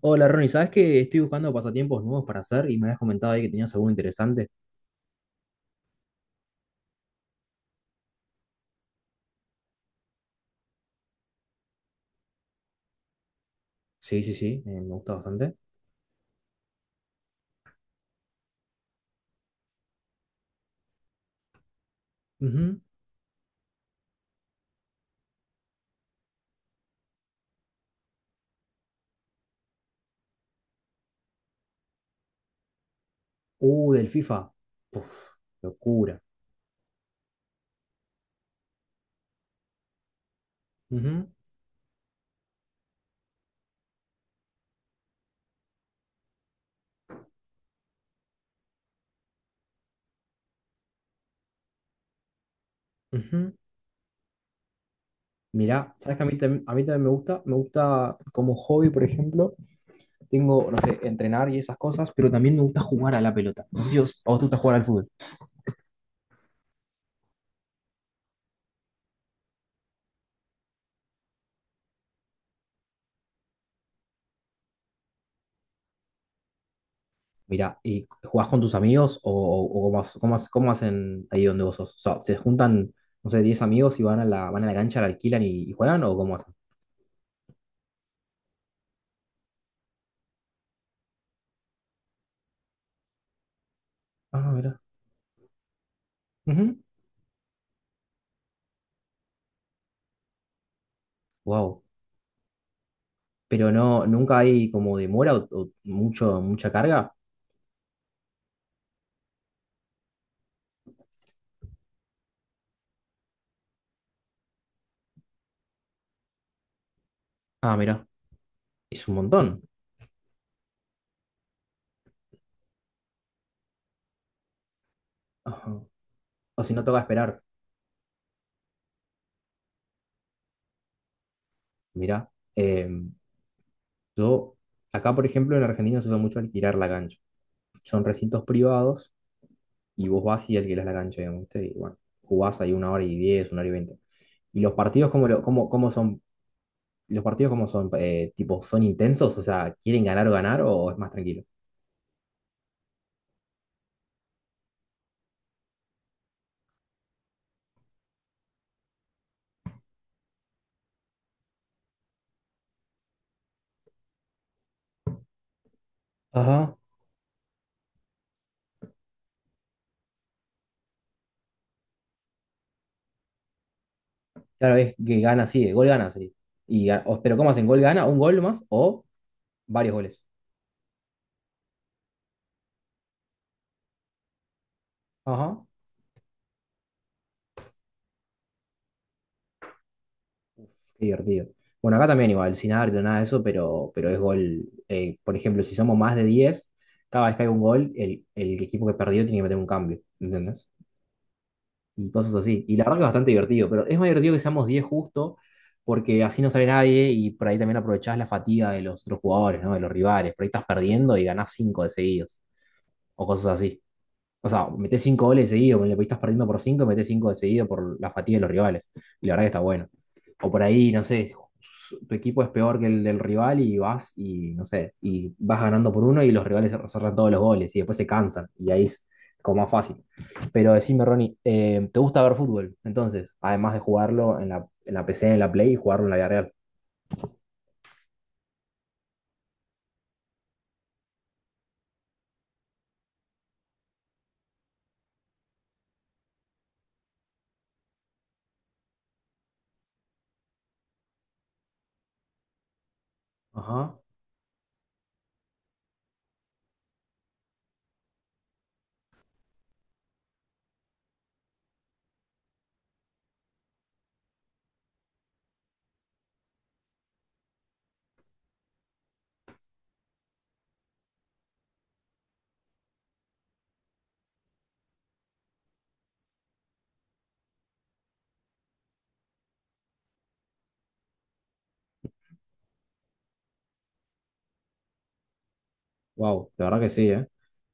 Hola Ronnie, ¿sabes que estoy buscando pasatiempos nuevos para hacer y me habías comentado ahí que tenías algo interesante? Sí, sí, sí, me gusta bastante. Ujú. Del FIFA. Puf, locura. Ujú, ujú. Mirá, ¿sabes que a mí, a mí también me gusta? Me gusta como hobby, por ejemplo, tengo, no sé, entrenar y esas cosas, pero también me gusta jugar a la pelota. No sé si a vos te gusta jugar al fútbol. Mirá, ¿y jugás con tus amigos o cómo, cómo hacen ahí donde vos sos? O sea, ¿se juntan, no sé, 10 amigos y van a la cancha, la alquilan y juegan o cómo hacen? Ah, mira. Wow. Pero no, nunca hay como demora o mucha carga. Ah, mira. Es un montón. Ajá. O si no toca esperar. Mira. em, yo, acá por ejemplo en Argentina se usa mucho alquilar la cancha. Son recintos privados y vos vas y alquilás la cancha, digamos, ¿viste? Y bueno, jugás ahí una hora y diez, una hora y veinte. ¿Y los partidos cómo, cómo son? ¿Los partidos cómo son? Tipo, ¿son intensos? O sea, ¿quieren ganar o ganar o es más tranquilo? Claro, es que gana así, de gol gana así. Pero ¿cómo hacen? ¿Gol gana? ¿Un gol más? ¿O varios goles? Ajá. Qué divertido. Bueno, acá también igual, sin árbitro, nada de eso, pero es gol. Por ejemplo, si somos más de 10 cada vez que hay un gol, el equipo que perdió tiene que meter un cambio, ¿entendés? Y cosas así. Y la verdad que es bastante divertido, pero es más divertido que seamos 10 justo, porque así no sale nadie y por ahí también aprovechás la fatiga de los otros jugadores, ¿no? De los rivales. Por ahí estás perdiendo y ganás 5 de seguidos, o cosas así. O sea, metés cinco goles seguidos, le estás perdiendo por cinco, metés cinco de seguido por la fatiga de los rivales. Y la verdad que está bueno. O por ahí, no sé, tu equipo es peor que el del rival y vas y, no sé, y vas ganando por uno y los rivales cerran todos los goles y después se cansan y ahí es como más fácil. Pero decime, Ronnie, ¿te gusta ver fútbol? Entonces, además de jugarlo en la PC, en la Play y jugarlo en la vida real. Ajá, wow, la verdad que sí, ¿eh?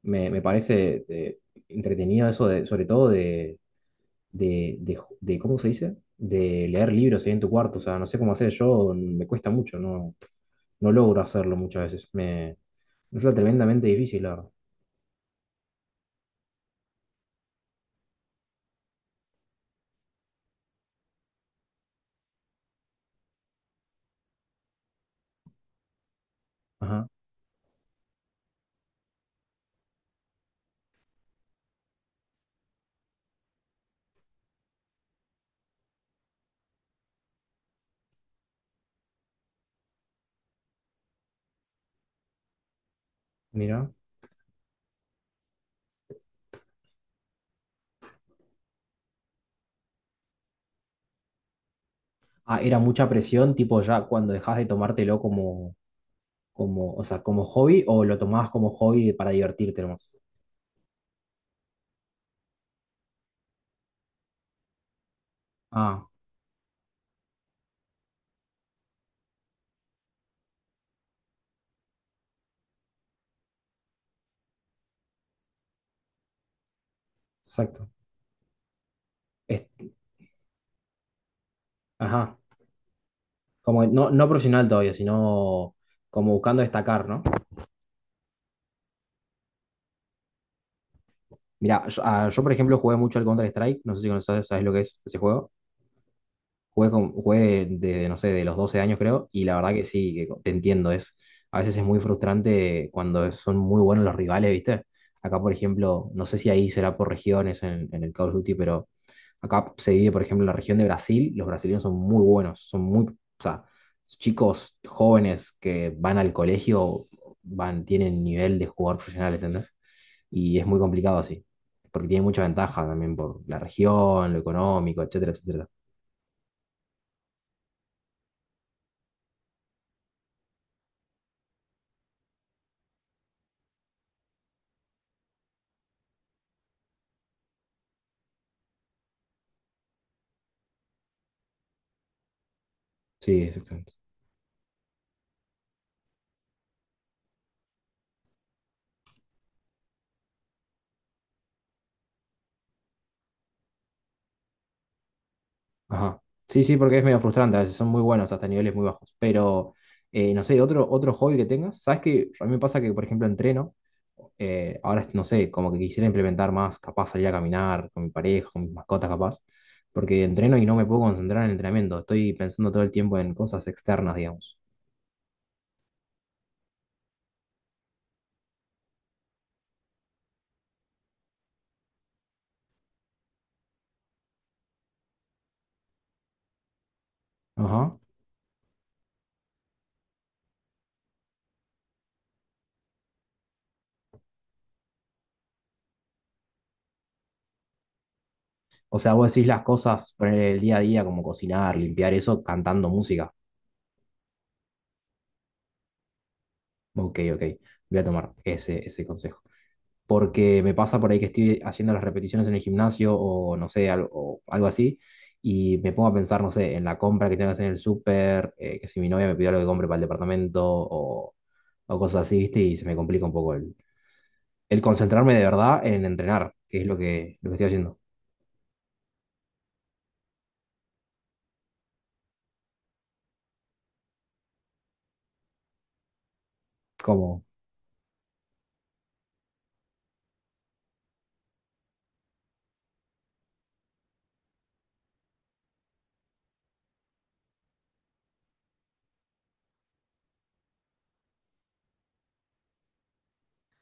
Me parece entretenido eso, de, sobre todo de ¿cómo se dice? De leer libros ahí en tu cuarto. O sea, no sé cómo hacer yo, me cuesta mucho, no, no logro hacerlo muchas veces. Me resulta tremendamente difícil, la verdad. Ajá, mira. Ah, era mucha presión, tipo ya cuando dejas de tomártelo como, o sea, como hobby o lo tomabas como hobby para divertirte nomás. Ah, exacto. Es- ajá. Como no, no profesional todavía, sino como buscando destacar, ¿no? Mira, yo, por ejemplo jugué mucho al Counter-Strike, no sé si conoces, sabes lo que es ese juego. Jugué de, no sé, de los 12 años creo, y la verdad que sí, que te entiendo, a veces es muy frustrante cuando son muy buenos los rivales, ¿viste? Acá, por ejemplo, no sé si ahí será por regiones en el Call of Duty, pero acá se divide, por ejemplo, en la región de Brasil, los brasileños son muy buenos, son muy, o sea, chicos jóvenes que van al colegio, van, tienen nivel de jugador profesional, ¿entendés? Y es muy complicado así, porque tiene mucha ventaja también por la región, lo económico, etcétera, etcétera. Sí, exacto. Ajá. Sí, sí, porque es medio frustrante, a veces son muy buenos hasta niveles muy bajos. Pero, no sé, otro, otro hobby que tengas, ¿sabes qué? A mí me pasa que, por ejemplo, entreno, ahora, no sé, como que quisiera implementar más, capaz salir a caminar con mi pareja, con mis mascotas, capaz, porque entreno y no me puedo concentrar en el entrenamiento, estoy pensando todo el tiempo en cosas externas, digamos. Ajá. O sea, vos decís las cosas, poner el día a día, como cocinar, limpiar eso, cantando música. Ok, ok, voy a tomar ese, ese consejo. Porque me pasa por ahí que estoy haciendo las repeticiones en el gimnasio o no sé, algo, o algo así, y me pongo a pensar, no sé, en la compra que tengo que hacer en el súper, que si mi novia me pidió algo que compre para el departamento o cosas así, ¿viste? Y se me complica un poco el concentrarme de verdad en entrenar, que es lo que estoy haciendo. Como,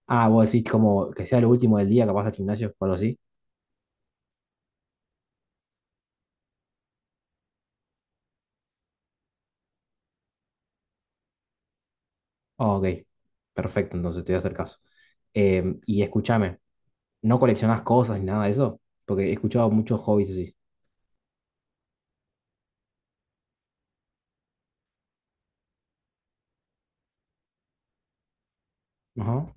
vos decís como que sea lo último del día, capaz al gimnasio o algo así. Ah, ok, perfecto, entonces te voy a hacer caso. Y escúchame, ¿no coleccionás cosas ni nada de eso? Porque he escuchado muchos hobbies así. Ajá.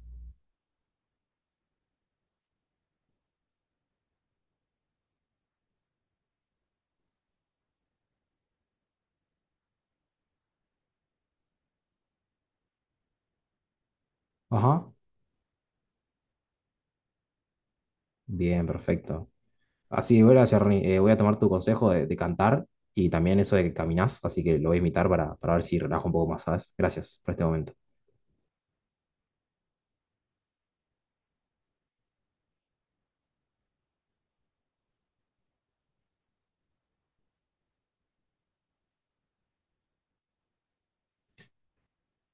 Ajá. Bien, perfecto. Así, voy a tomar tu consejo de cantar y también eso de que caminás, así que lo voy a imitar para ver si relajo un poco más, ¿sabes? Gracias por este momento.